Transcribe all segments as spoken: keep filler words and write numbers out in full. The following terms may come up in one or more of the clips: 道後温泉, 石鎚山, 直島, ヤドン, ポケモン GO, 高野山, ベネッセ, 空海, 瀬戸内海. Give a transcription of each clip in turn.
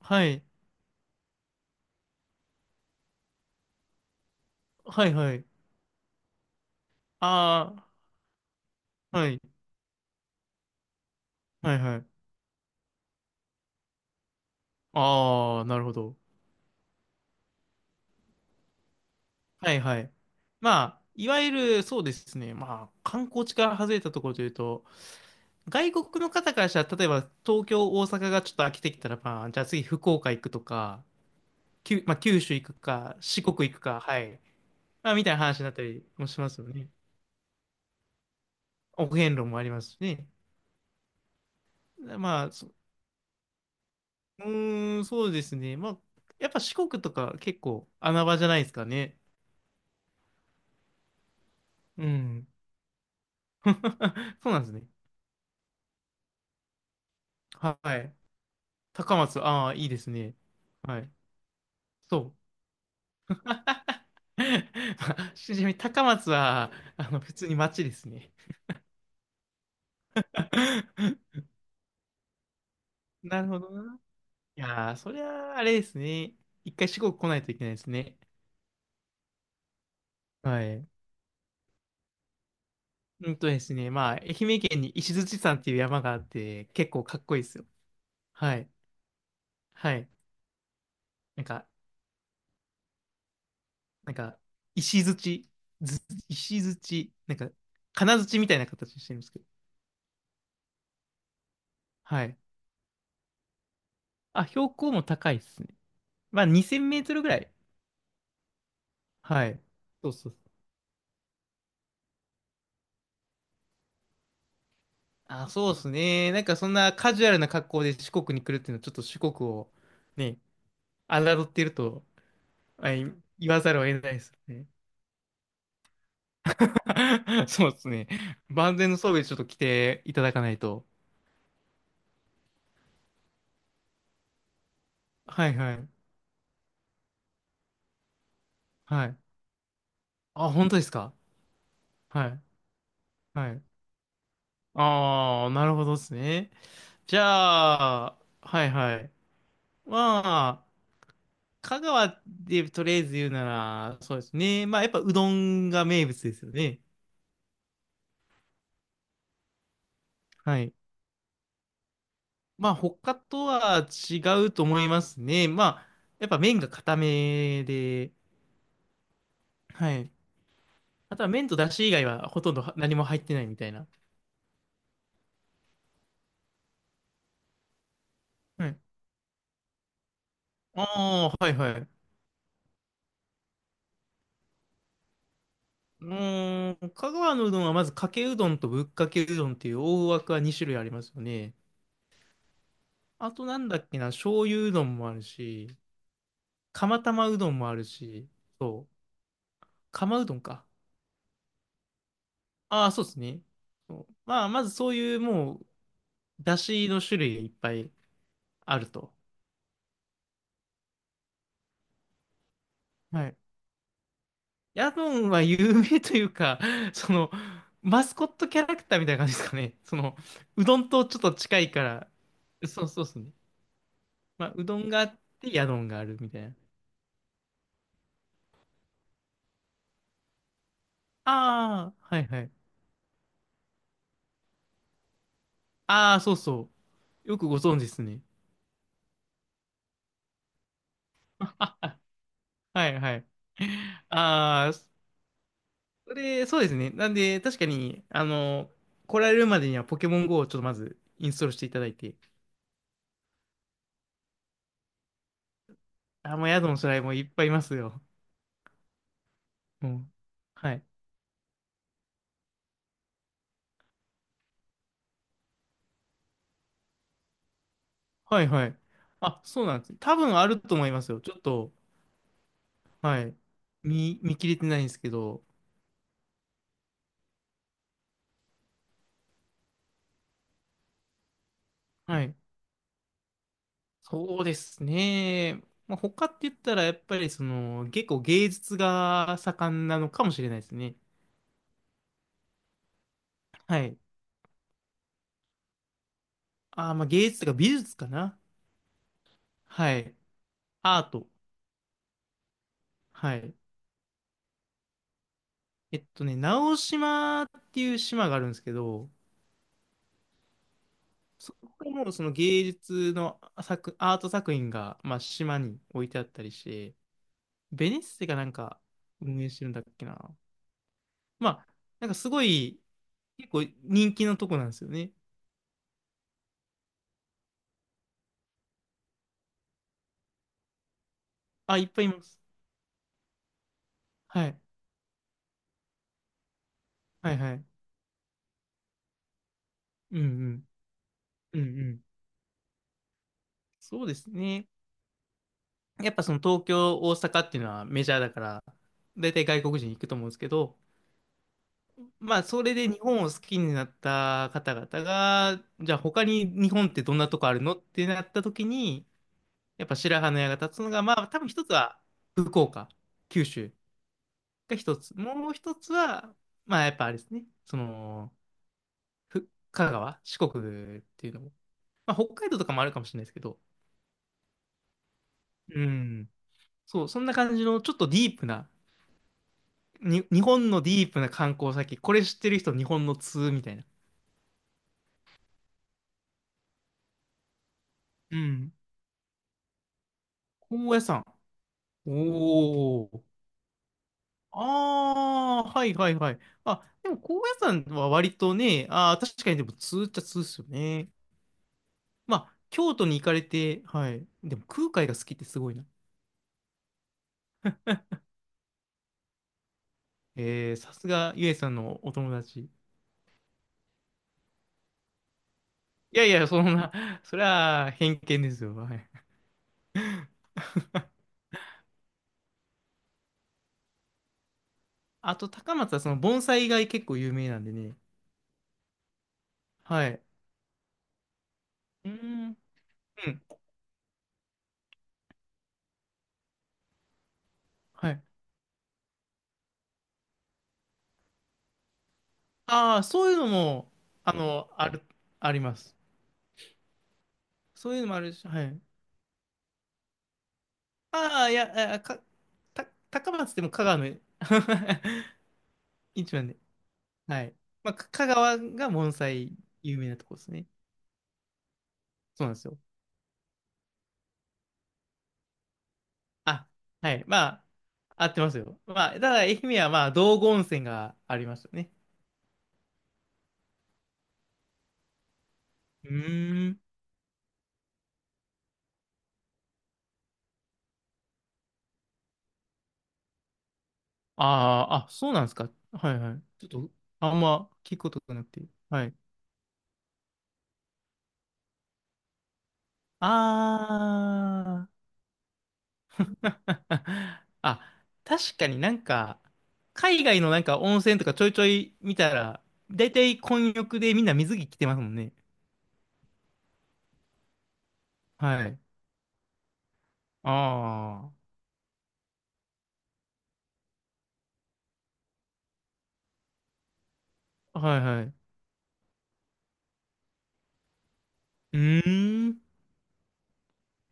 はい。はい、はい。ああ、はい。はい、はい。ああ、なるほど。はい、はい。まあ、いわゆる、そうですね。まあ、観光地から外れたところというと、外国の方からしたら、例えば東京、大阪がちょっと飽きてきたら、まあ、じゃあ次福岡行くとか、きゅ、まあ、九州行くか、四国行くか、はい。まあ、みたいな話になったりもしますよね。お遍路もありますしね。まあ、そ、うーん、そうですね。まあ、やっぱ四国とか結構穴場じゃないですかね。うん。そうなんですね。はい。高松、ああ、いいですね。はい。そう。ちなみに高松は、あの、普通に町ですね。なるほどな。いやー、そりゃあ、あれですね。一回四国来ないといけないですね。はい。うんとですね、まあ、愛媛県に石鎚山っていう山があって、結構かっこいいですよ。はい。はい。なんか、なんか、石鎚、ず石鎚、なんか、金槌みたいな形してるんですけど。はい。あ、標高も高いっすね。まあ、にせんメートルぐらい。はい。そうそう。あ、そうっすね。なんかそんなカジュアルな格好で四国に来るっていうのは、ちょっと四国をね、侮っていると、はい、言わざるを得ないですね。そうっすね。万全の装備でちょっと来ていただかないと。はいはい。はい。あ、本当ですか？はい。はい。ああ、なるほどっすね。じゃあ、はいはい。まあ香川でとりあえず言うなら、そうですね。まあ、やっぱうどんが名物ですよね。はい。まあ、他とは違うと思いますね。まあ、やっぱ麺が固めで、はい。あとは麺と出汁以外はほとんどは何も入ってないみたいな。はい。ああ、はいはい。うーん、香川のうどんはまずかけうどんとぶっかけうどんっていう大枠はに種類ありますよね。あとなんだっけな、醤油うどんもあるし、釜玉うどんもあるし、そう、釜うどんか。ああ、そうですね。そうまあ、まずそういうもう、出汁の種類がいっぱいあると。はい。ヤドンは有名というか、その、マスコットキャラクターみたいな感じですかね。その、うどんとちょっと近いから、そうそうですね。まあ、うどんがあって、ヤドンがあるみたいな。ああ、はいはい。ああ、そうそう。よくご存知ですね。あ、はいはい。ああ、それ、そうですね。なんで、確かに、あの、来られるまでにはポケモン ゴー をちょっとまずインストールしていただいて。あ、もう宿のしらいもいっぱいいますよ。うん。はい。はいはい。あ、そうなんですね。多分あると思いますよ。ちょっと、はい。見、見切れてないんですけど。はい。そうですね。まあ、他って言ったら、やっぱりその、結構芸術が盛んなのかもしれないですね。はい。あー、まあ芸術とか美術かな。はい。アート。はい。えっとね、直島っていう島があるんですけど、そこもその芸術の作、アート作品が、まあ、島に置いてあったりして、ベネッセがなんか運営してるんだっけな。まあ、なんかすごい、結構人気のとこなんですよね。あ、いっぱいいます。はい。はいはい。うんうん。うんうん。そうですね。やっぱその東京、大阪っていうのはメジャーだから、大体外国人行くと思うんですけど、まあ、それで日本を好きになった方々が、じゃあ他に日本ってどんなとこあるのってなった時に、やっぱ白羽の矢が立つのが、まあ多分一つは福岡、九州が一つ。もう一つは、まあやっぱあれですね、その、ふ香川、四国っていうのも。まあ北海道とかもあるかもしれないですけど、うん。そう、そんな感じのちょっとディープな、に、日本のディープな観光先、これ知ってる人日本の通みたいな。うん。高野山。おお。ああ、はいはいはい。あ、でも高野山は割とね、ああ、確かにでも通っちゃ通っすよね。まあ、京都に行かれて、はい。でも空海が好きってすごいな。えー、さすがゆえさんのお友達。いやいや、そんな、それは偏見ですよ。はい。あと、高松はその盆栽が結構有名なんでね。はい。うーん。うん。はい。ああ、そういうのも、あの、ある、あります。そういうのもあるし、はい。ああ、いや、あか、た、高松でも香川の 一番で。はい。まあ、か香川が盆栽有名なとこですね。そうなんですよ。あ、はい。まあ、合ってますよ。まあ、ただ愛媛はまあ、道後温泉がありますよね。うーん。あーあ、そうなんですか。はいはい。ちょっと、あんま聞くことがなくて。はい。ああ。あ、確かになんか、海外のなんか温泉とかちょいちょい見たら、だいたい混浴でみんな水着着てますもんね。はい。ああ、はいはい。うーん、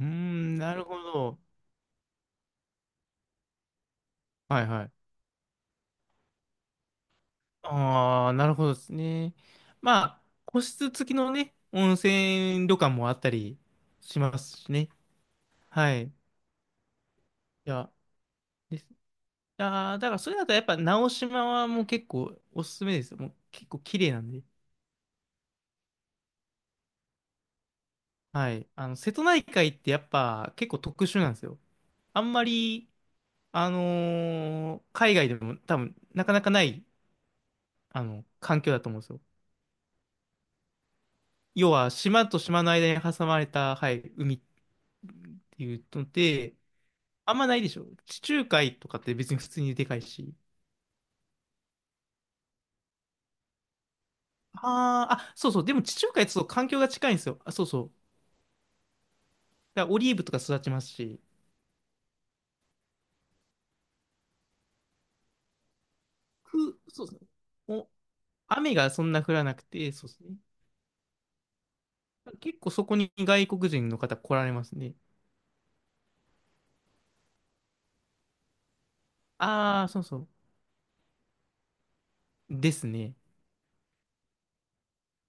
うーん、なるほど。はいはい。ああ、なるほどですね。まあ、個室付きのね、温泉旅館もあったりしますしね。はい。いや、です。ああ、だからそれだとやっぱ直島はもう結構おすすめですよ。もう結構綺麗なんで。はい。あの、瀬戸内海ってやっぱ結構特殊なんですよ。あんまり、あのー海外でも多分なかなかない、あの、環境だと思うんですよ。要は島と島の間に挟まれた、はい、海っていうので、あんまないでしょ。地中海とかって別に普通にでかいし。ああ、あ、そうそう。でも地中海ってそう環境が近いんですよ。あ、そうそう。だからオリーブとか育ちますし、く、そうですね。お、雨がそんな降らなくて、そうですね。結構そこに外国人の方来られますね。ああ、そうそう。ですね。